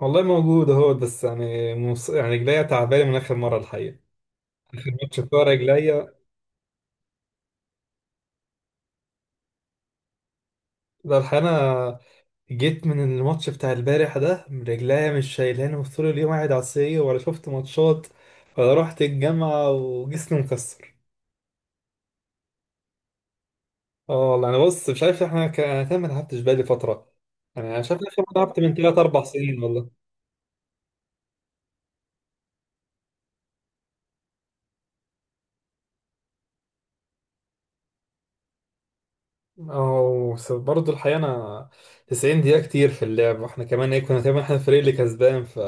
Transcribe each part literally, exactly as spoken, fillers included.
والله موجود اهوت، بس يعني مص... يعني رجليا تعبانه من اخر مره الحقيقه. اخر ماتش بتاع رجليا. ده الحقيقه، انا جيت من الماتش بتاع البارح ده، رجليا مش شايلاني، وطول اليوم قاعد على السرير ولا شفت ماتشات. ولا رحت الجامعه وجسمي مكسر. اه والله، انا بص مش عارف، احنا ك... انا كمان ما لعبتش بقالي فتره. يعني انا شايف اخر مره لعبت من ثلاثة اربع سنين والله. أو بس برضه الحقيقة أنا، 90 دقيقة كتير في اللعب. وإحنا كمان إيه كنا تقريبا إحنا الفريق اللي كسبان ف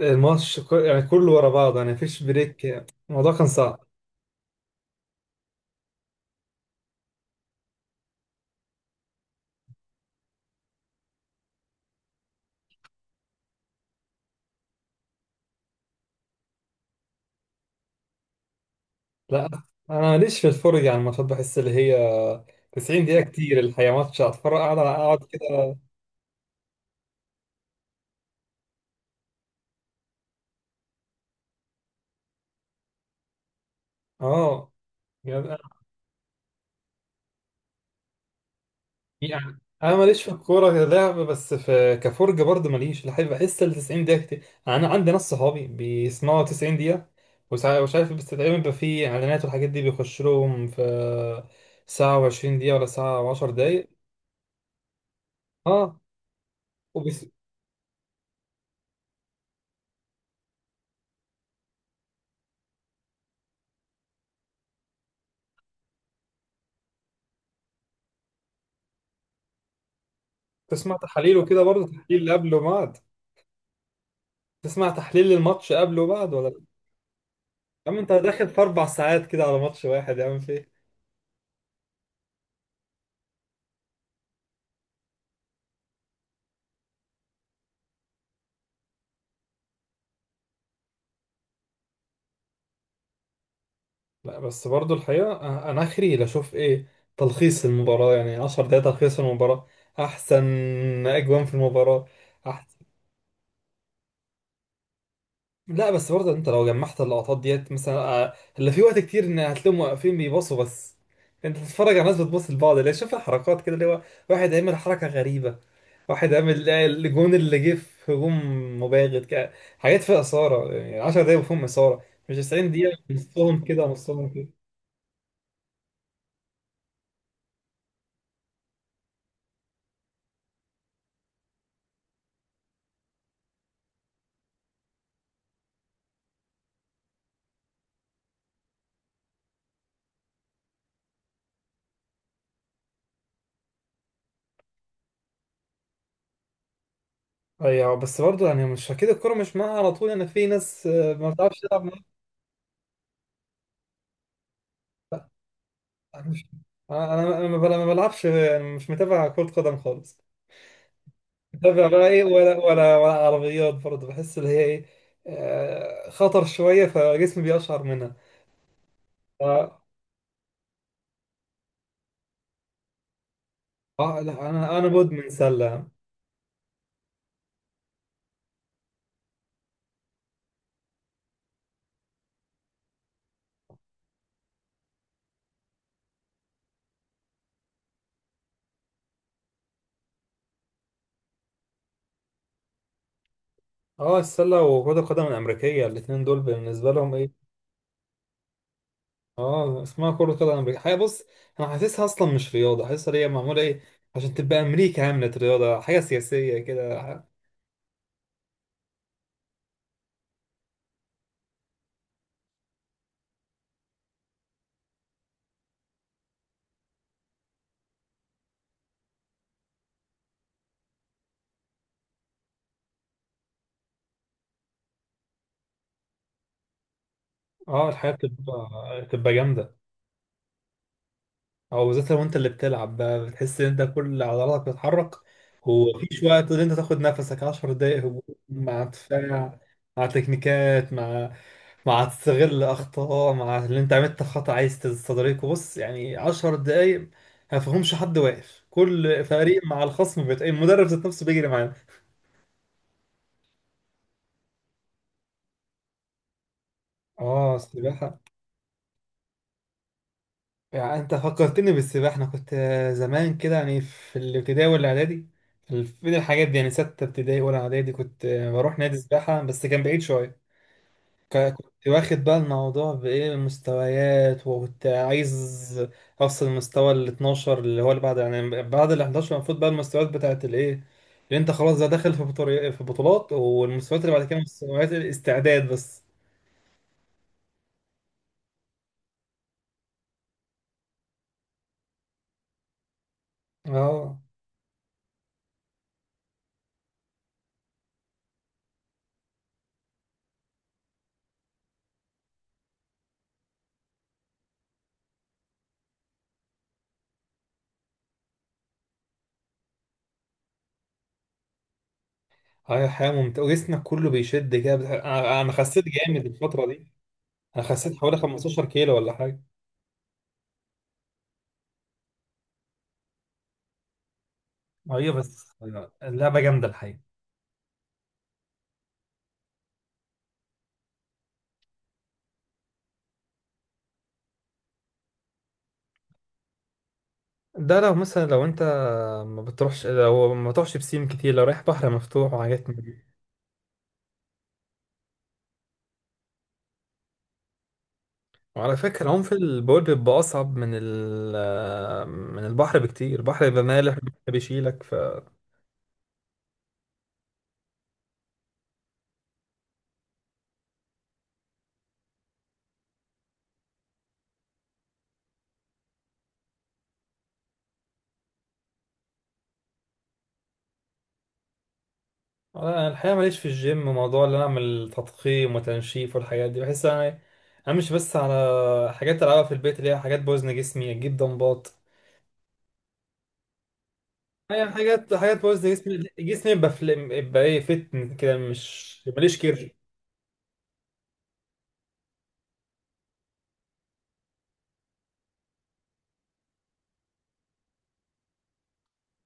الماتش، ك- يعني كله ورا بعض، يعني مفيش بريك. الموضوع كان صعب. لا، أنا ماليش في الفرجة على الماتشات، بحس اللي هي 90 دقيقة كتير الحقيقة، ماتش أتفرج أقعد أقعد كده. أه، يعني، يعني انا ماليش في الكوره كلعب، بس في كفرجه برضه ماليش الحقيقه. بحس ال 90 دقيقه كتير، يعني انا عندي ناس صحابي بيسمعوا 90 دقيقه، وساع- ومش عارف، بس تقريبا بيبقى في اعلانات والحاجات دي بيخش لهم في ساعه و20 دقيقه، ولا ساعه و10 دقائق. اه، وبتسمع تحاليل وكده برضه، تحليل قبل وبعد. تسمع تحليل للماتش قبل وبعد، ولا؟ يا عم انت داخل في اربع ساعات كده على ماتش واحد، يا عم، في. لا بس برضو الحقيقة، أ- أنا آخري لأشوف إيه تلخيص المباراة، يعني 10 دقايق تلخيص المباراة أحسن. أجوان في المباراة أحسن. لا بس برضو أنت لو جمعت اللقطات ديت مثلا، آه، اللي في وقت كتير إن هتلاقيهم واقفين بيبصوا بس. أنت بتتفرج على ناس بتبص لبعض، اللي شايف الحركات كده، اللي هو واحد عامل حركة غريبة، واحد عامل آه، الجون اللي جه في هجوم مباغت كده. حاجات فيها إثارة، يعني 10 دقايق فيهم إثارة، مش 90 دقيقة نصهم كده نصهم كده. ايوه بس برضه يعني مش اكيد الكوره مش معاها على طول، يعني في ناس آه، ما بتعرفش تلعب معاها. أنا مش. انا انا أنا ما بل- ما بلعبش، يعني مش متابع كرة قدم خالص. متابع بقى ايه، ولا ولا ولا عربيات برضه، بحس اللي هي ايه، آه، خطر شويه فجسمي بيقشعر منها. ف- اه لا، انا انا مدمن سله. اه، السله وكرة القدم الامريكيه، الاثنين دول بالنسبه لهم ايه. اه، اسمها كرة قدم امريكيه حاجه، بص، انا حاسسها اصلا مش رياضه، حاسسها هي معموله ايه عشان تبقى امريكا عملت رياضه، حاجه سياسيه كده. اه، الحياة بتبقى بتبقى جامدة، او بالذات لو انت اللي بتلعب بقى بتحس ان انت كل عضلاتك بتتحرك، ومفيش وقت ان انت تاخد نفسك. 10 دقايق هجوم مع دفاع، مع تكنيكات، مع مع تستغل اخطاء، مع اللي انت عملت خطأ عايز تستدركه. بص يعني 10 دقايق، ما فيهمش حد واقف، كل فريق مع الخصم بيت المدرب ذات نفسه بيجري معانا. اه، سباحة. يعني انت فكرتني بالسباحه، انا كنت زمان كده، يعني في الابتدائي والاعدادي، في بين الحاجات دي، يعني سته ابتدائي ولا اعدادي، كنت بروح نادي سباحه، بس كان بعيد شويه. ك- كنت واخد بقى الموضوع بايه مستويات، وكنت عايز اوصل المستوى ال اتناشر، اللي هو اللي بعد يعني بعد ال حداشر المفروض بقى المستويات بتاعت الايه اللي انت خلاص ده داخل في بطولي- في بطولات، والمستويات اللي بعد كده مستويات الاستعداد بس. اه، هي حياة ممتعة، وجسمك كله بيشد كده، بتح- انا أنا خسيت جامد الفترة دي. انا خسيت حوالي 15 كيلو ولا حاجه. ايوه بس اللعبه جامده الحقيقه. ده لو مثلا لو انت ما بتروحش، لو ما تروحش بسين كتير، لو رايح بحر مفتوح وحاجات من دي. وعلى فكره، عمق البورد بيبقى اصعب من ال من البحر بكتير، البحر بيبقى مالح بيشيلك ف. انا الحقيقه ماليش في الجيم، موضوع ان انا اعمل تضخيم وتنشيف والحاجات دي، بحس انا امشي بس على حاجات العبها في البيت، اللي هي حاجات بوزن جسمي، اجيب دمبات. هي حاجات حاجات بوز جسمي جسمي يبقى فل- يبقى ايه فتن كده، مش ماليش كير.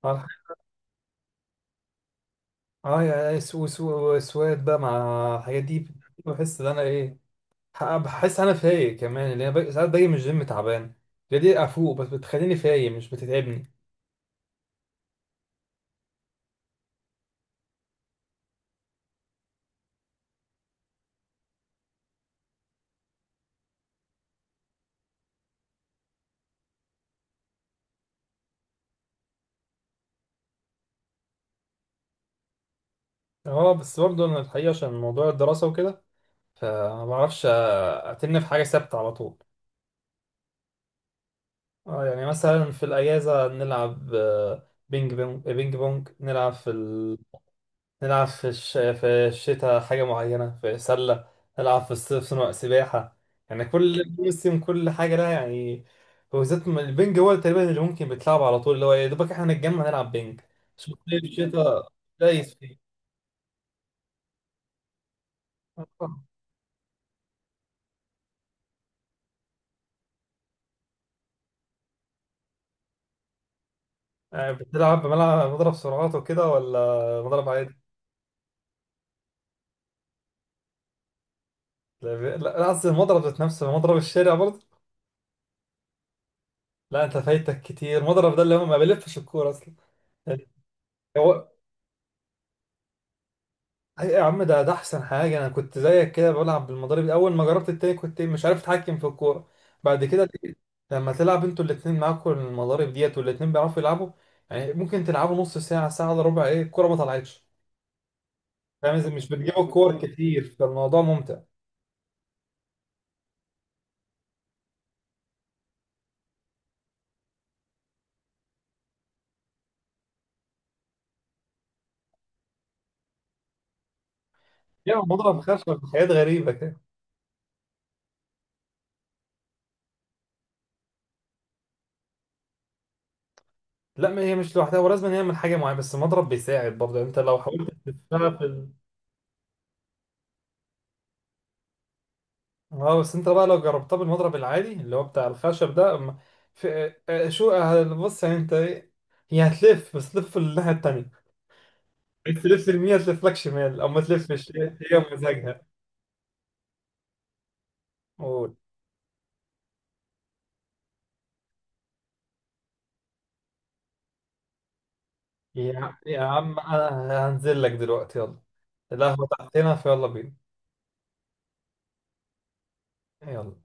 اه، يا سو سو سواد بقى مع الحاجات دي، بحس ان انا ايه، ح- بحس انا فايق كمان، اللي انا باجي- ساعات باجي من الجيم تعبان، هي دي افوق، بس بتخليني فايق مش بتتعبني. اه بس برضه انا الحقيقه عشان موضوع الدراسه وكده، فما بعرفش، أ- اتن في حاجه ثابته على طول. اه يعني مثلا في الاجازه نلعب آه، بينج بونج. بينج بونج نلعب في نلعب في الش... في الشتاء حاجة معينة في سلة، نلعب في الصيف صنع سباحة، يعني كل موسم كل حاجة لها يعني. وبالذات م- البنج هو تقريبا اللي ممكن بيتلعب على طول، اللي هو يا دوبك احنا نتجمع نلعب بنج. شوف صيف شتاء دايس فيه. آه. يعني بتلعب بملعب مضرب سرعات وكده، ولا مضرب عادي؟ لا، لا، لا، قصدي المضرب ذات نفسه، مضرب الشارع برضه. لا، انت فايتك كتير، المضرب ده اللي هو ما بيلفش الكورة اصلا. يعني، اي يا عم، ده ده احسن حاجه، انا كنت زيك كده بلعب بالمضارب، اول ما جربت التاني كنت مش عارف اتحكم في الكوره. بعد كده لقيت، لما تلعب انتوا الاتنين معاكم المضارب ديت والاتنين بيعرفوا يلعبوا، يعني ممكن تلعبوا نص ساعه ساعه الا ربع، ايه الكوره ما طلعتش. فاهم إزاي؟ مش بتجيبوا الكور كتير، فالموضوع ممتع. يعني المضرب خشب في حاجات غريبه كده. لا ما هي مش لوحدها، ولازم يعمل حاجه معينه، بس المضرب بيساعد برضه انت لو حاولت تشتغل. اه بس انت بقى لو جربتها بالمضرب العادي اللي هو بتاع الخشب ده، أما في آه، اه، شو آه، بص يعني انت ايه، هي هتلف، بس تلف الناحية التانية، عايز تلف يمين هتلف لك شمال، او ما تلفش، هي هي مزاجها. قول. يا يا عم انا هنزل لك دلوقتي، يلا. القهوة تحتنا، فيلا بينا. يلا.